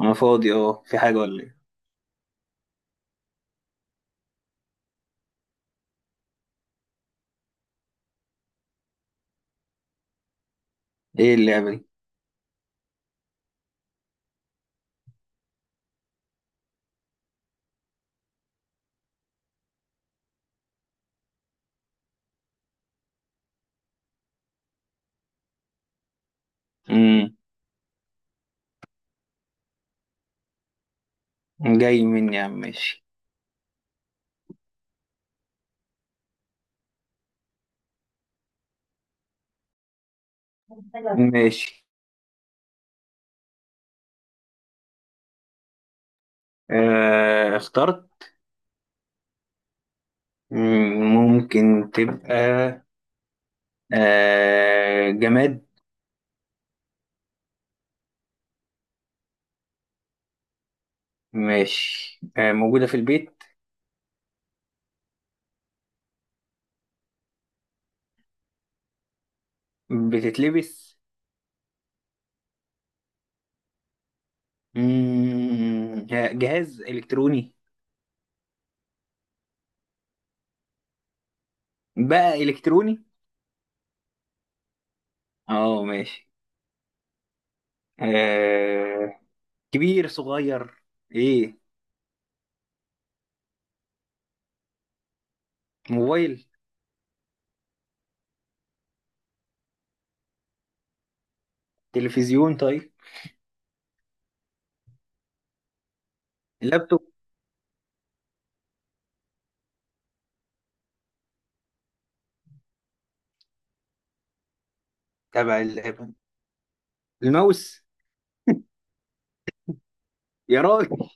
انا فاضي، اه، في حاجة ولا ايه؟ ايه اللعبة دي؟ امم. جاي مني يا عم، ماشي. ماشي. اخترت. ممكن تبقى. جماد. ماشي. موجودة في البيت؟ بتتلبس؟ جهاز إلكتروني؟ بقى إلكتروني؟ اه، ماشي. آه. كبير، صغير؟ ايه؟ موبايل؟ تلفزيون؟ طيب. لابتوب؟ تبع اللعبة؟ الماوس! يا راجل!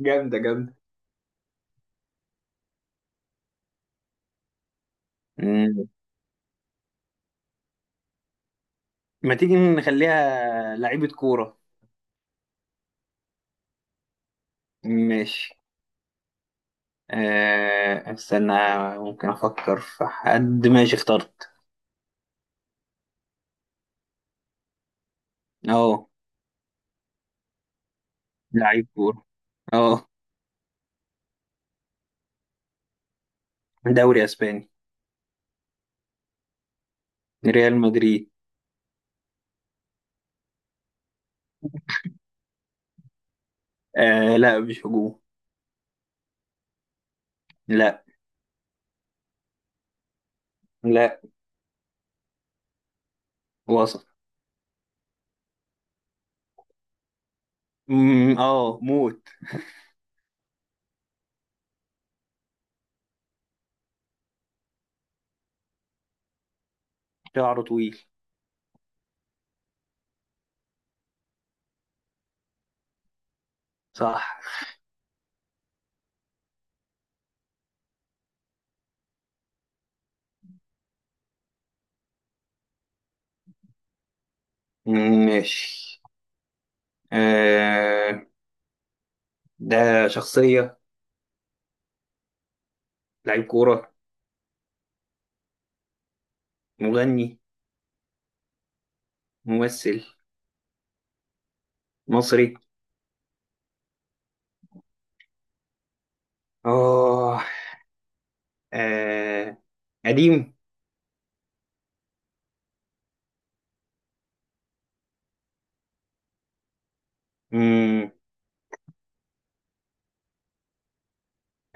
جامدة، جامدة! مم. ما تيجي نخليها لعيبة كورة؟ ماشي. استنى. ممكن أفكر في حد. ماشي، اخترت. أه لعيب كورة. أه. دوري أسباني. ريال مدريد. لا، مش هجوم. لا لا. وسط. مم، أه موت. شعره طويل. صح. ماشي. أه. ده شخصية؟ لعيب كورة؟ مغني؟ ممثل؟ مصري؟ أه. آه. قديم؟ مم.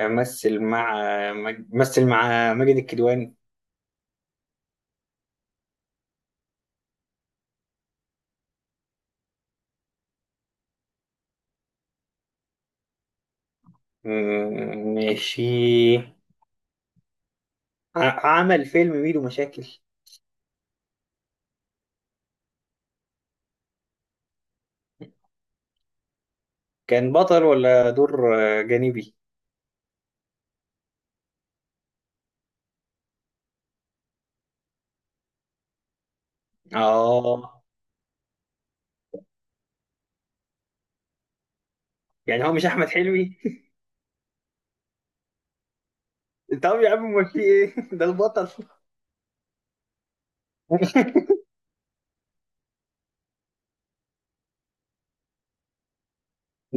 مثل مع مثل مع ماجد الكدواني. ماشي. عمل فيلم ميدو مشاكل؟ كان بطل ولا دور جانبي؟ اه. يعني هو مش احمد حلمي؟ طب يا عم، امال في ايه؟ ده البطل!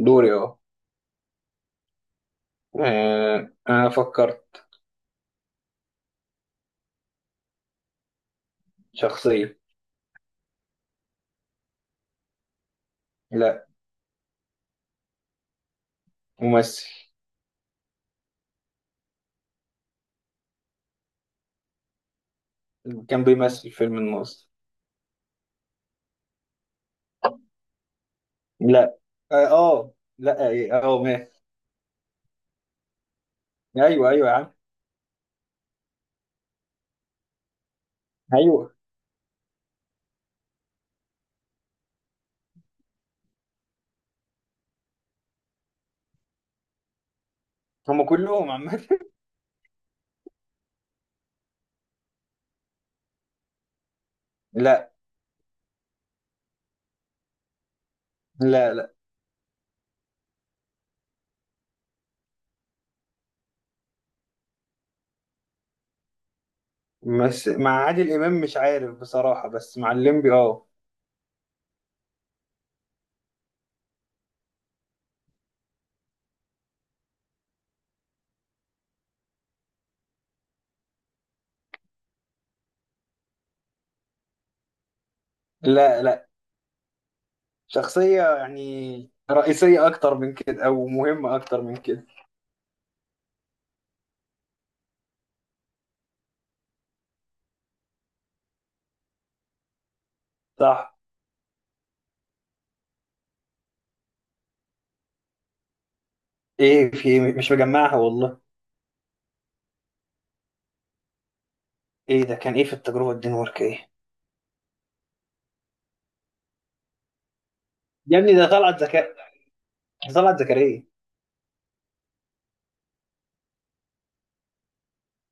دوري، اه. انا فكرت. شخصية. لا. ممثل. كان بيمثل فيلم الناظر. لا، لا، ماشي. ايوه، ايوه يا عم. ايوه. هم كلهم عامة. لا. لا، لا. بس مع عادل امام مش عارف بصراحة، بس مع الليمبي اه. لا، لا. شخصية يعني رئيسية اكتر من كده، او مهمة اكتر من كده. صح. ايه في إيه؟ مش مجمعها والله. ايه ده؟ كان ايه في التجربة الدنماركية، ايه؟ يا ابني ده طلعت زكاء. طلعت زكريا.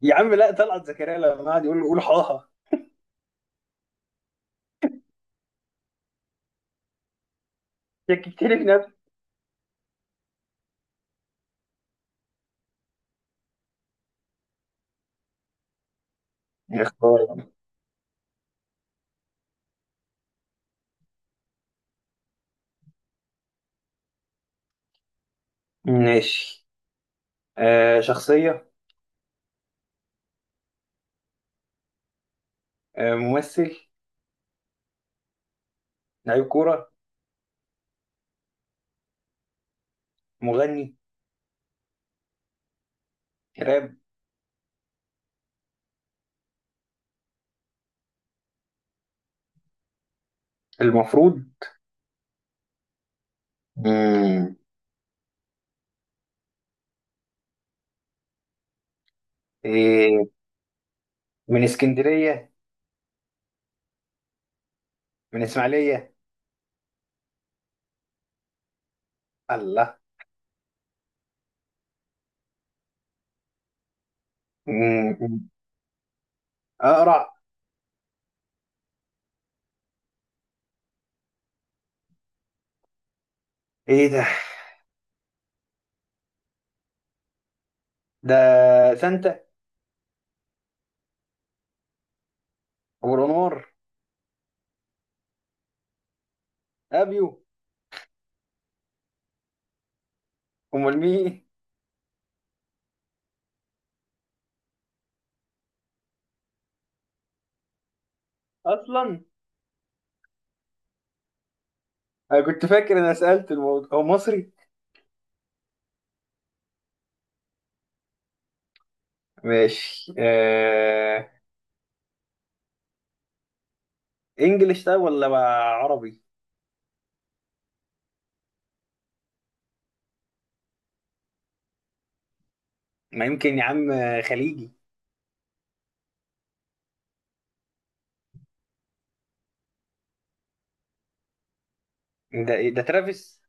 يا عم لا، طلعت زكريا لما قعد يقول له قول حاها. شككتني في نفسي. يا اخبار. ماشي. شخصية؟ ممثل؟ لعيب كورة؟ مغني؟ راب؟ المفروض. امم. إيه؟ من اسكندرية؟ من اسماعيلية؟ الله! مم. اقرع؟ ايه ده؟ ده؟ سانتا؟ ابو الانوار؟ ابيو؟ امال مين؟ اصلا. انا كنت فاكر انا سألت، الموضوع هو مصري؟ ماشي. انجلش ده ولا بقى عربي؟ ما يمكن يا عم. خليجي؟ ده إيه؟ ده ترافيس؟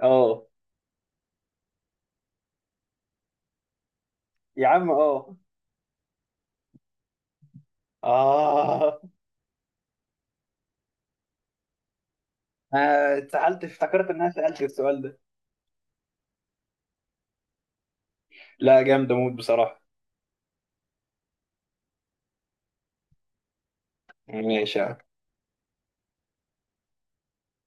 اه. يا عم، اه. اه. أنا اتسحلت، افتكرت ان انا سألت السؤال ده. لا جامد، اموت بصراحة. ماشي.